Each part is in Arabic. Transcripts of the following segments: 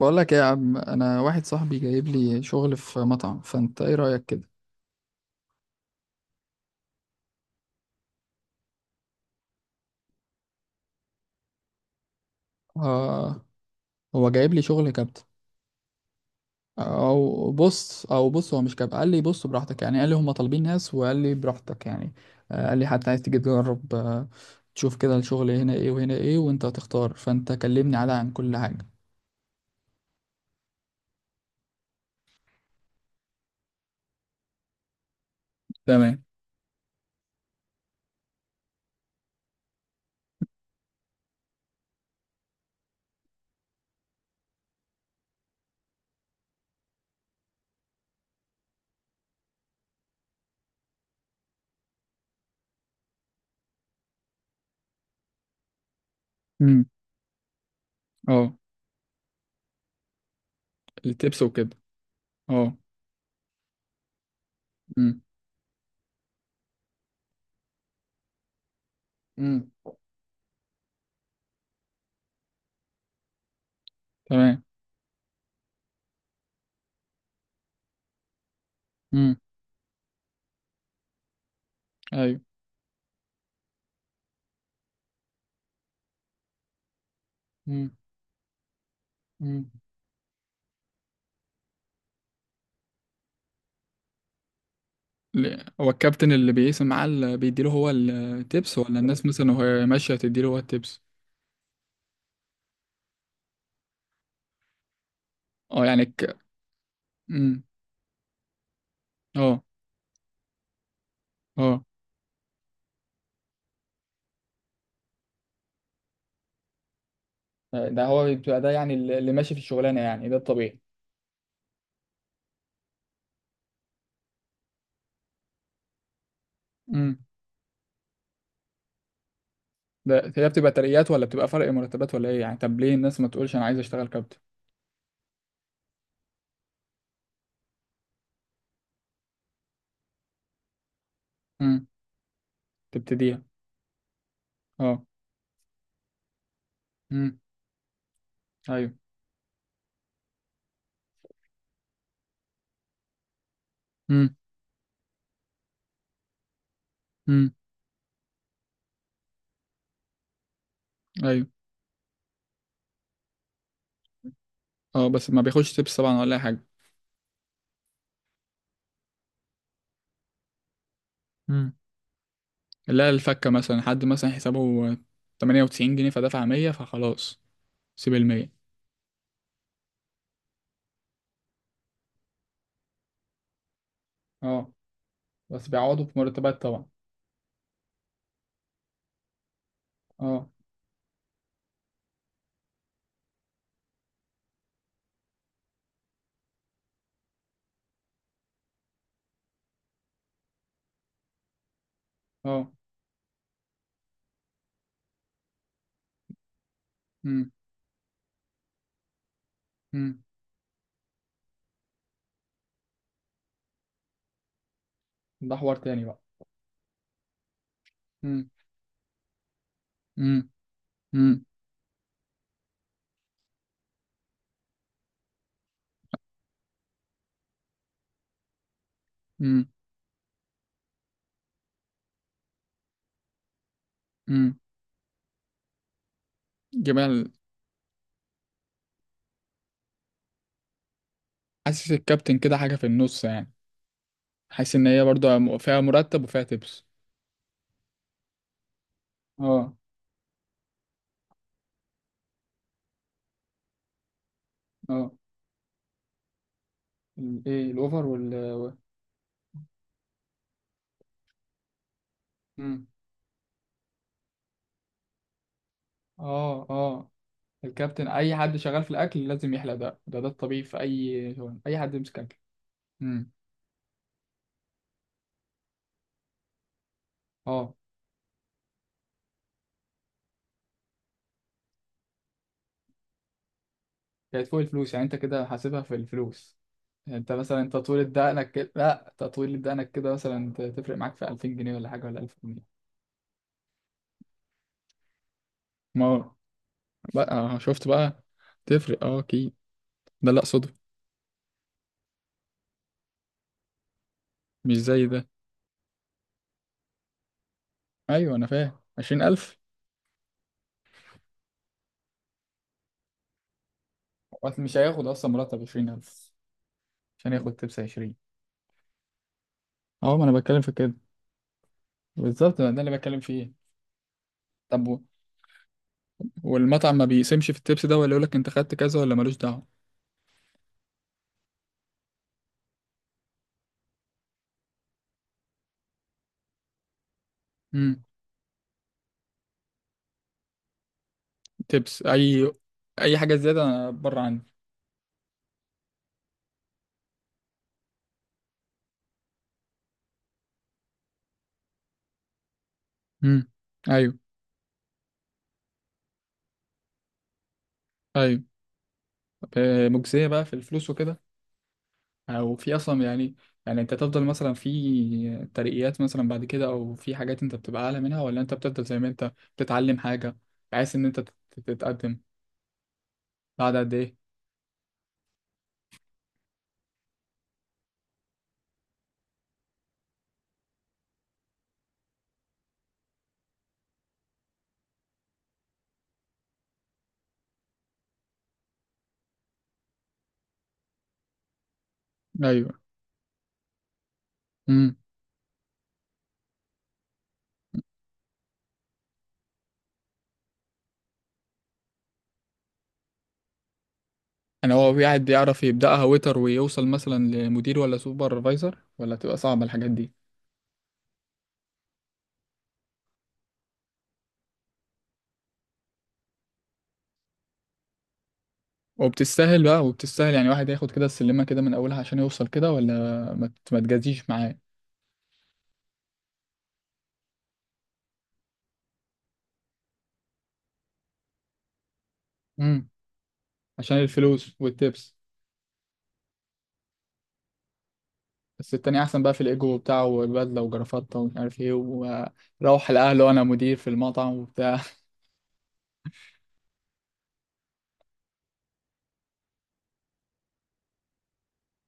بقول لك ايه يا عم؟ انا واحد صاحبي جايب لي شغل في مطعم، فانت ايه رأيك كده؟ آه. هو جايب لي شغل كابتن. او بص، هو مش كابتن. قال لي بص براحتك يعني، قال لي هم طالبين ناس، وقال لي براحتك يعني. آه، قال لي حتى عايز تيجي تجرب. آه، تشوف كده الشغل هنا ايه وهنا ايه وانت هتختار، فانت كلمني على عن كل حاجة. تمام. امم. اه، التبس وكده. اه. امم. امم. تمام. امم. ايوه. امم. هو الكابتن اللي بيقسم معاه اللي بيديله هو التيبس، ولا الناس مثلا وهي ماشية تديله هو التيبس؟ اه، يعني. امم. اه. اه. ده هو بيبقى، ده يعني اللي ماشي في الشغلانه، يعني ده الطبيعي. امم. ده هي بتبقى ترقيات ولا بتبقى فرق مرتبات ولا ايه يعني؟ طب ليه الناس ما تقولش انا عايز اشتغل كابتن؟ امم. تبتديها. اه. امم. ايوه. امم. امم. ايوه. اه بس ما بياخدش تيبس طبعا، ولا اي حاجه. امم. لا، الفكه مثلا، حد مثلا حسابه 98 جنيه فدفع 100 فخلاص. سيب ال 100. اه. بس بيعوضوا في مرتبات طبعا. اه. اه. امم. امم. ده حوار تاني بقى. امم. امم. امم. امم. امم. جمال. حاسس الكابتن كده حاجة في النص يعني. حاسس ان هي برضو فيها مرتب وفيها تبس. اه. اه. ايه الاوفر وال... امم. اه. اه. الكابتن اي حد شغال في الاكل لازم يحلق. ده الطبيعي في اي شغل، اي حد يمسك اكل. امم. اه. كانت فوق الفلوس يعني، انت كده حاسبها في الفلوس. يعني انت مثلا تطويل دقنك كده، لا، تطويل دقنك كده مثلا تفرق معاك في 2000 جنيه ولا حاجه، ولا 1000 جنيه؟ ما هو بقى. آه، شفت بقى. تفرق، اه اكيد. ده لا صدف. مش زي ده. ايوه انا فاهم، 20,000. وقت مش هياخد اصلا مرتب 20,000 عشان ياخد تبس 20؟ اه، ما انا بتكلم في كده، بالظبط ده اللي بتكلم فيه. طب. والمطعم ما بيقسمش في التبس ده، ولا يقول لك انت خدت كذا، ولا ملوش دعوه؟ امم. تبس اي. اي حاجه زياده، بره عني. امم. ايوه. ايوه. طب، آه، مجزيه بقى في الفلوس وكده، او في اصلا يعني؟ يعني انت تفضل مثلا في ترقيات مثلا بعد كده، او في حاجات انت بتبقى اعلى منها، ولا انت بتفضل زي ما انت بتتعلم حاجه، بحيث ان انت تتقدم؟ بعد قد ايه؟ ايوه. امم. يعني هو قاعد بيعرف يبداها ويتر ويوصل مثلا لمدير، ولا سوبرفايزر، ولا تبقى صعبه الحاجات دي؟ وبتستاهل بقى، وبتستاهل يعني؟ واحد ياخد كده السلمه كده من اولها عشان يوصل كده، ولا ما تجازيش معاه؟ امم. عشان الفلوس والتبس. بس التاني احسن بقى في الايجو بتاعه والبدله وجرافطه ومش عارف ايه، وروح الاهل، وانا مدير في المطعم وبتاع.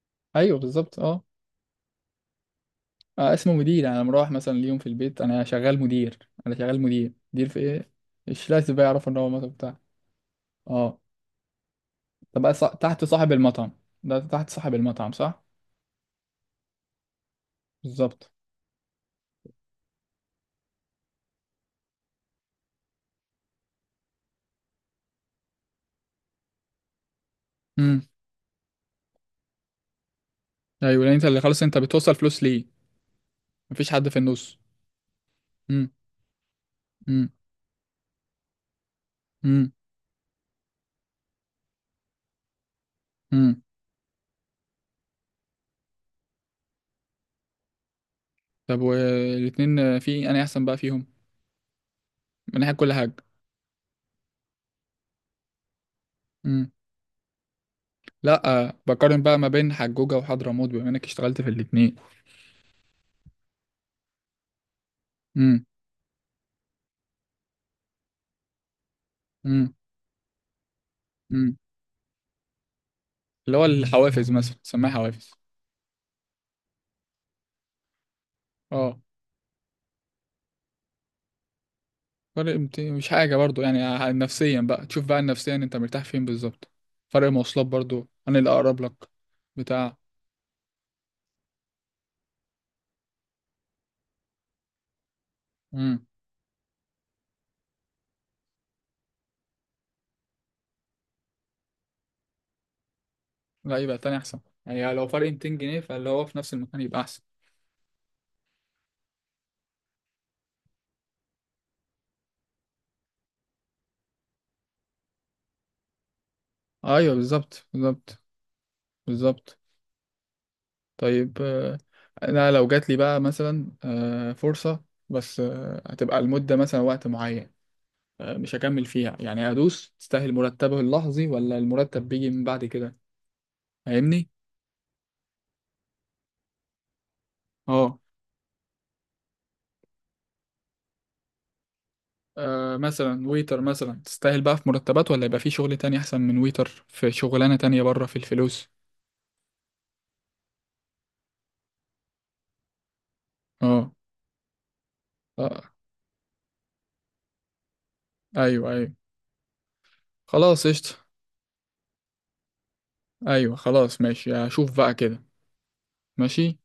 ايوه بالظبط اه. آه، اسمه مدير، انا مروح مثلا اليوم في البيت، انا شغال مدير. انا شغال مدير، مدير في ايه؟ مش لازم بقى يعرف ان هو مطعم بتاع. اه. طب بقى تحت صاحب المطعم، ده تحت صاحب المطعم صح؟ بالظبط. امم. ايوه، لان انت اللي خلاص انت بتوصل فلوس ليه. مفيش حد في النص. امم. امم. امم. امم. طب والاتنين آه، في انا احسن بقى فيهم من ناحيه كل حاجه؟ لا، بقارن بقى ما بين حجوجة وحضرموت بما انك اشتغلت في الاتنين. امم. امم. امم. اللي هو الحوافز مثلا، سماها حوافز. اه. فرق مش حاجة برضو يعني، نفسيا بقى تشوف، بقى نفسيا انت مرتاح فين بالظبط. فرق مواصلات برضو انا اللي اقرب لك بتاع. امم. لا يبقى تاني احسن. يعني لو فرق 200 جنيه، فاللي هو في نفس المكان يبقى احسن. ايوه بالظبط، بالظبط. بالظبط. طيب آه، انا لو جات لي بقى مثلا آه، فرصة، بس آه، هتبقى المدة مثلا وقت معين، آه، مش هكمل فيها يعني، ادوس تستاهل مرتبه اللحظي، ولا المرتب بيجي من بعد كده؟ فاهمني؟ اه. آه، مثلا ويتر مثلا تستاهل بقى في مرتبات، ولا يبقى في شغل تاني احسن من ويتر في شغلانة تانية بره في الفلوس؟ اه. آه، ايوه ايوه. خلاص قشطة. ايوه خلاص ماشي، هشوف بقى كده. ماشي.